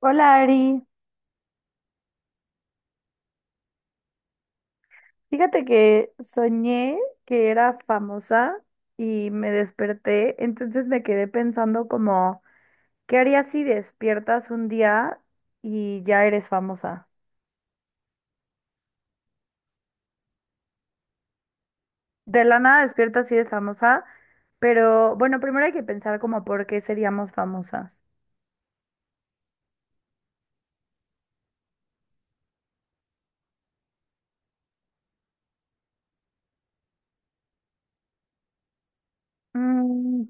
Hola Ari, fíjate que soñé que era famosa y me desperté, entonces me quedé pensando como, ¿qué harías si despiertas un día y ya eres famosa? De la nada despiertas y eres famosa, pero bueno, primero hay que pensar como por qué seríamos famosas. Mm,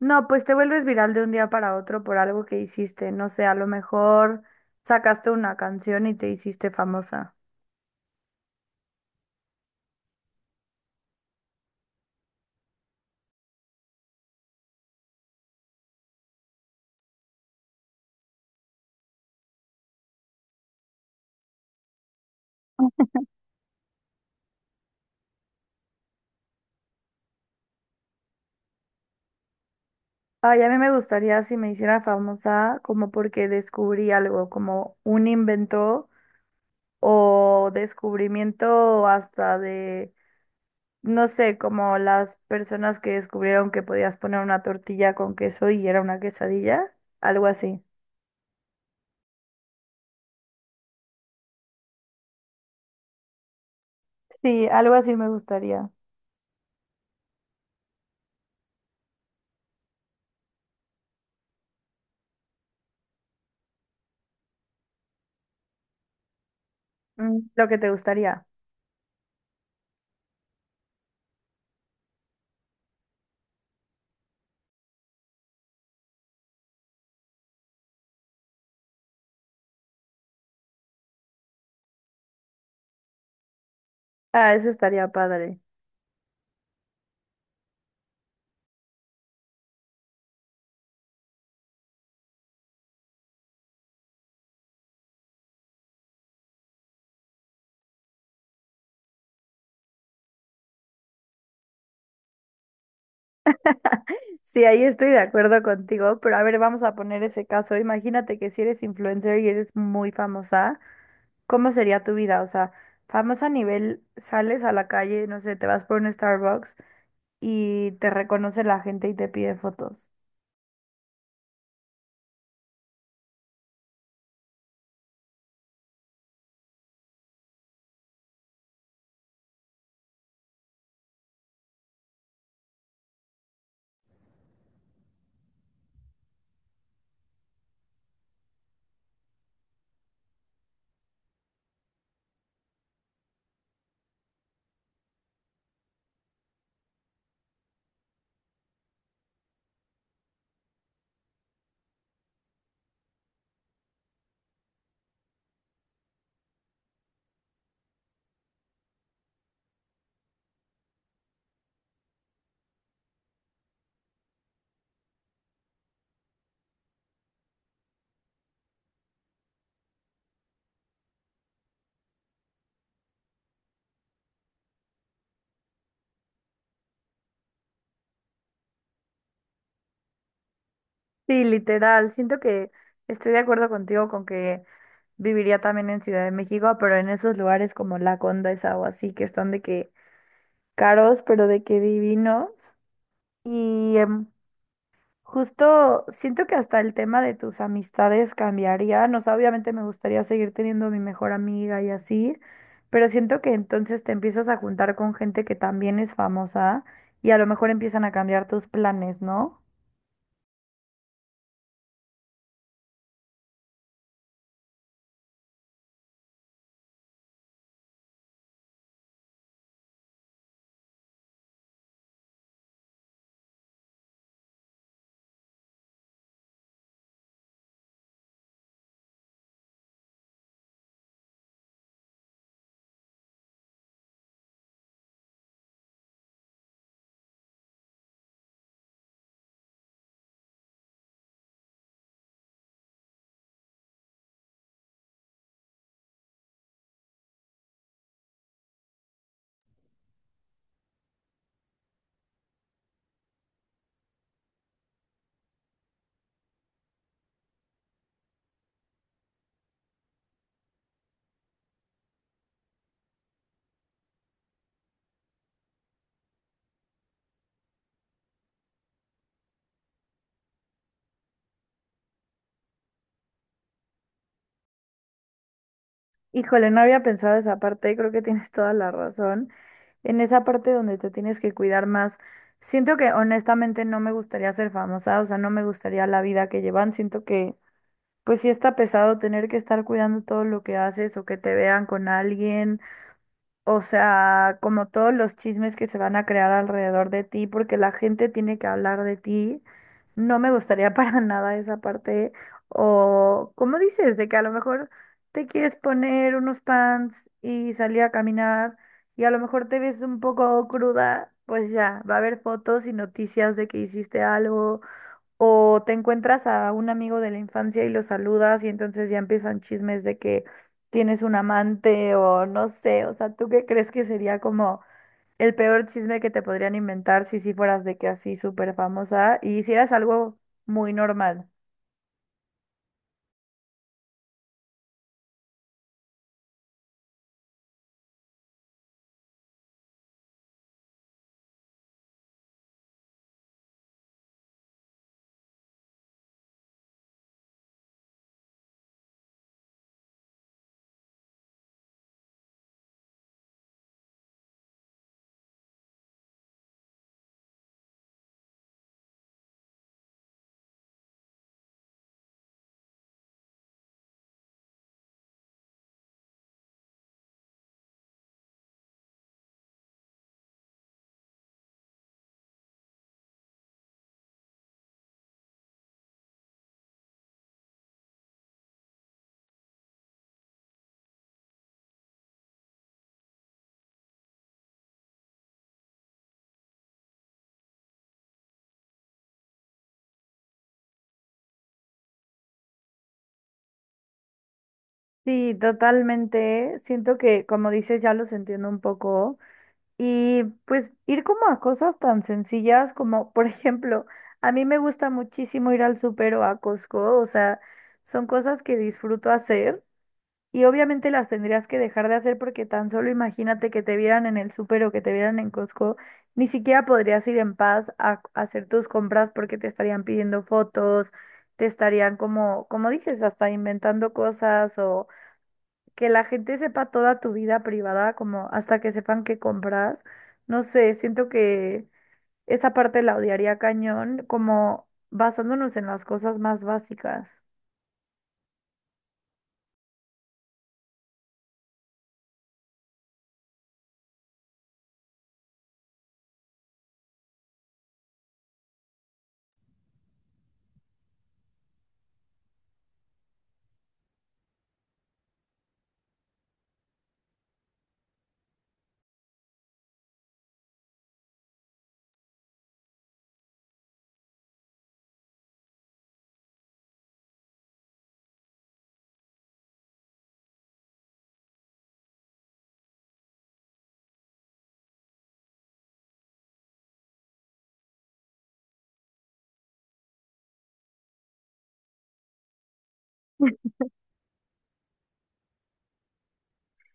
no, pues te vuelves viral de un día para otro por algo que hiciste, no sé, a lo mejor sacaste una canción y te hiciste famosa. Ay, a mí me gustaría si me hiciera famosa como porque descubrí algo, como un invento o descubrimiento hasta de, no sé, como las personas que descubrieron que podías poner una tortilla con queso y era una quesadilla, algo así. Sí, algo así me gustaría. Mm, lo que te gustaría. Ah, eso estaría padre. Sí, ahí estoy de acuerdo contigo, pero a ver, vamos a poner ese caso. Imagínate que si eres influencer y eres muy famosa. ¿Cómo sería tu vida? O sea, famosa a nivel, sales a la calle, no sé, te vas por un Starbucks y te reconoce la gente y te pide fotos. Sí, literal, siento que estoy de acuerdo contigo con que viviría también en Ciudad de México, pero en esos lugares como La Condesa o así, que están de que caros, pero de que divinos. Y justo siento que hasta el tema de tus amistades cambiaría. No sé, obviamente me gustaría seguir teniendo a mi mejor amiga y así, pero siento que entonces te empiezas a juntar con gente que también es famosa y a lo mejor empiezan a cambiar tus planes, ¿no? Híjole, no había pensado esa parte y creo que tienes toda la razón. En esa parte donde te tienes que cuidar más. Siento que honestamente no me gustaría ser famosa, o sea, no me gustaría la vida que llevan. Siento que pues sí está pesado tener que estar cuidando todo lo que haces o que te vean con alguien, o sea, como todos los chismes que se van a crear alrededor de ti, porque la gente tiene que hablar de ti. No me gustaría para nada esa parte. O como dices, de que a lo mejor te quieres poner unos pants y salir a caminar y a lo mejor te ves un poco cruda, pues ya, va a haber fotos y noticias de que hiciste algo o te encuentras a un amigo de la infancia y lo saludas y entonces ya empiezan chismes de que tienes un amante o no sé, o sea, ¿tú qué crees que sería como el peor chisme que te podrían inventar si sí fueras de que así súper famosa y hicieras algo muy normal? Sí, totalmente. Siento que, como dices, ya los entiendo un poco. Y pues ir como a cosas tan sencillas como, por ejemplo, a mí me gusta muchísimo ir al súper o a Costco, o sea, son cosas que disfruto hacer y obviamente las tendrías que dejar de hacer porque tan solo imagínate que te vieran en el súper o que te vieran en Costco, ni siquiera podrías ir en paz a hacer tus compras porque te estarían pidiendo fotos, te estarían como, como dices, hasta inventando cosas que la gente sepa toda tu vida privada, como hasta que sepan qué compras. No sé, siento que esa parte la odiaría cañón, como basándonos en las cosas más básicas.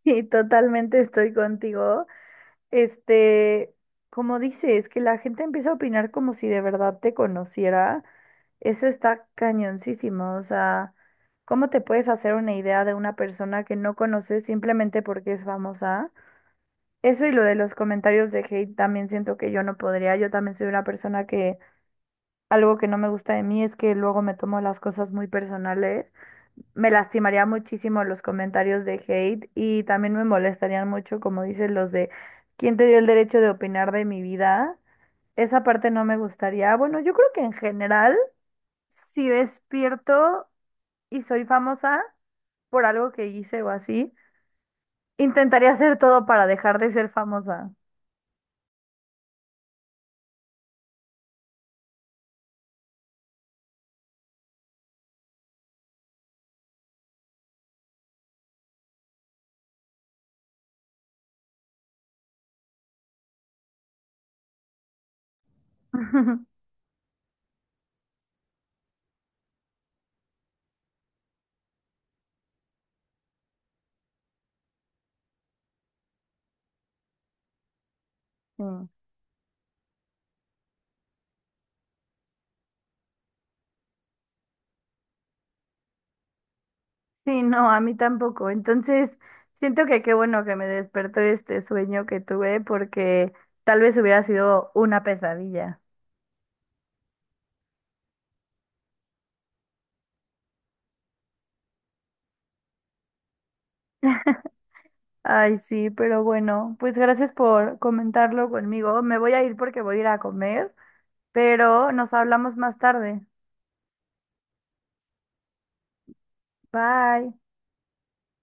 Y totalmente estoy contigo. Este, como dices, que la gente empieza a opinar como si de verdad te conociera, eso está cañoncísimo. O sea, ¿cómo te puedes hacer una idea de una persona que no conoces simplemente porque es famosa? Eso y lo de los comentarios de hate también siento que yo no podría. Yo también soy una persona que algo que no me gusta de mí es que luego me tomo las cosas muy personales. Me lastimaría muchísimo los comentarios de hate y también me molestarían mucho, como dices, los de ¿quién te dio el derecho de opinar de mi vida? Esa parte no me gustaría. Bueno, yo creo que en general, si despierto y soy famosa por algo que hice o así, intentaría hacer todo para dejar de ser famosa. Sí. Sí, no, a mí tampoco. Entonces, siento que qué bueno que me despertó de este sueño que tuve porque tal vez hubiera sido una pesadilla. Ay, sí, pero bueno, pues gracias por comentarlo conmigo. Me voy a ir porque voy a ir a comer, pero nos hablamos más tarde. Bye.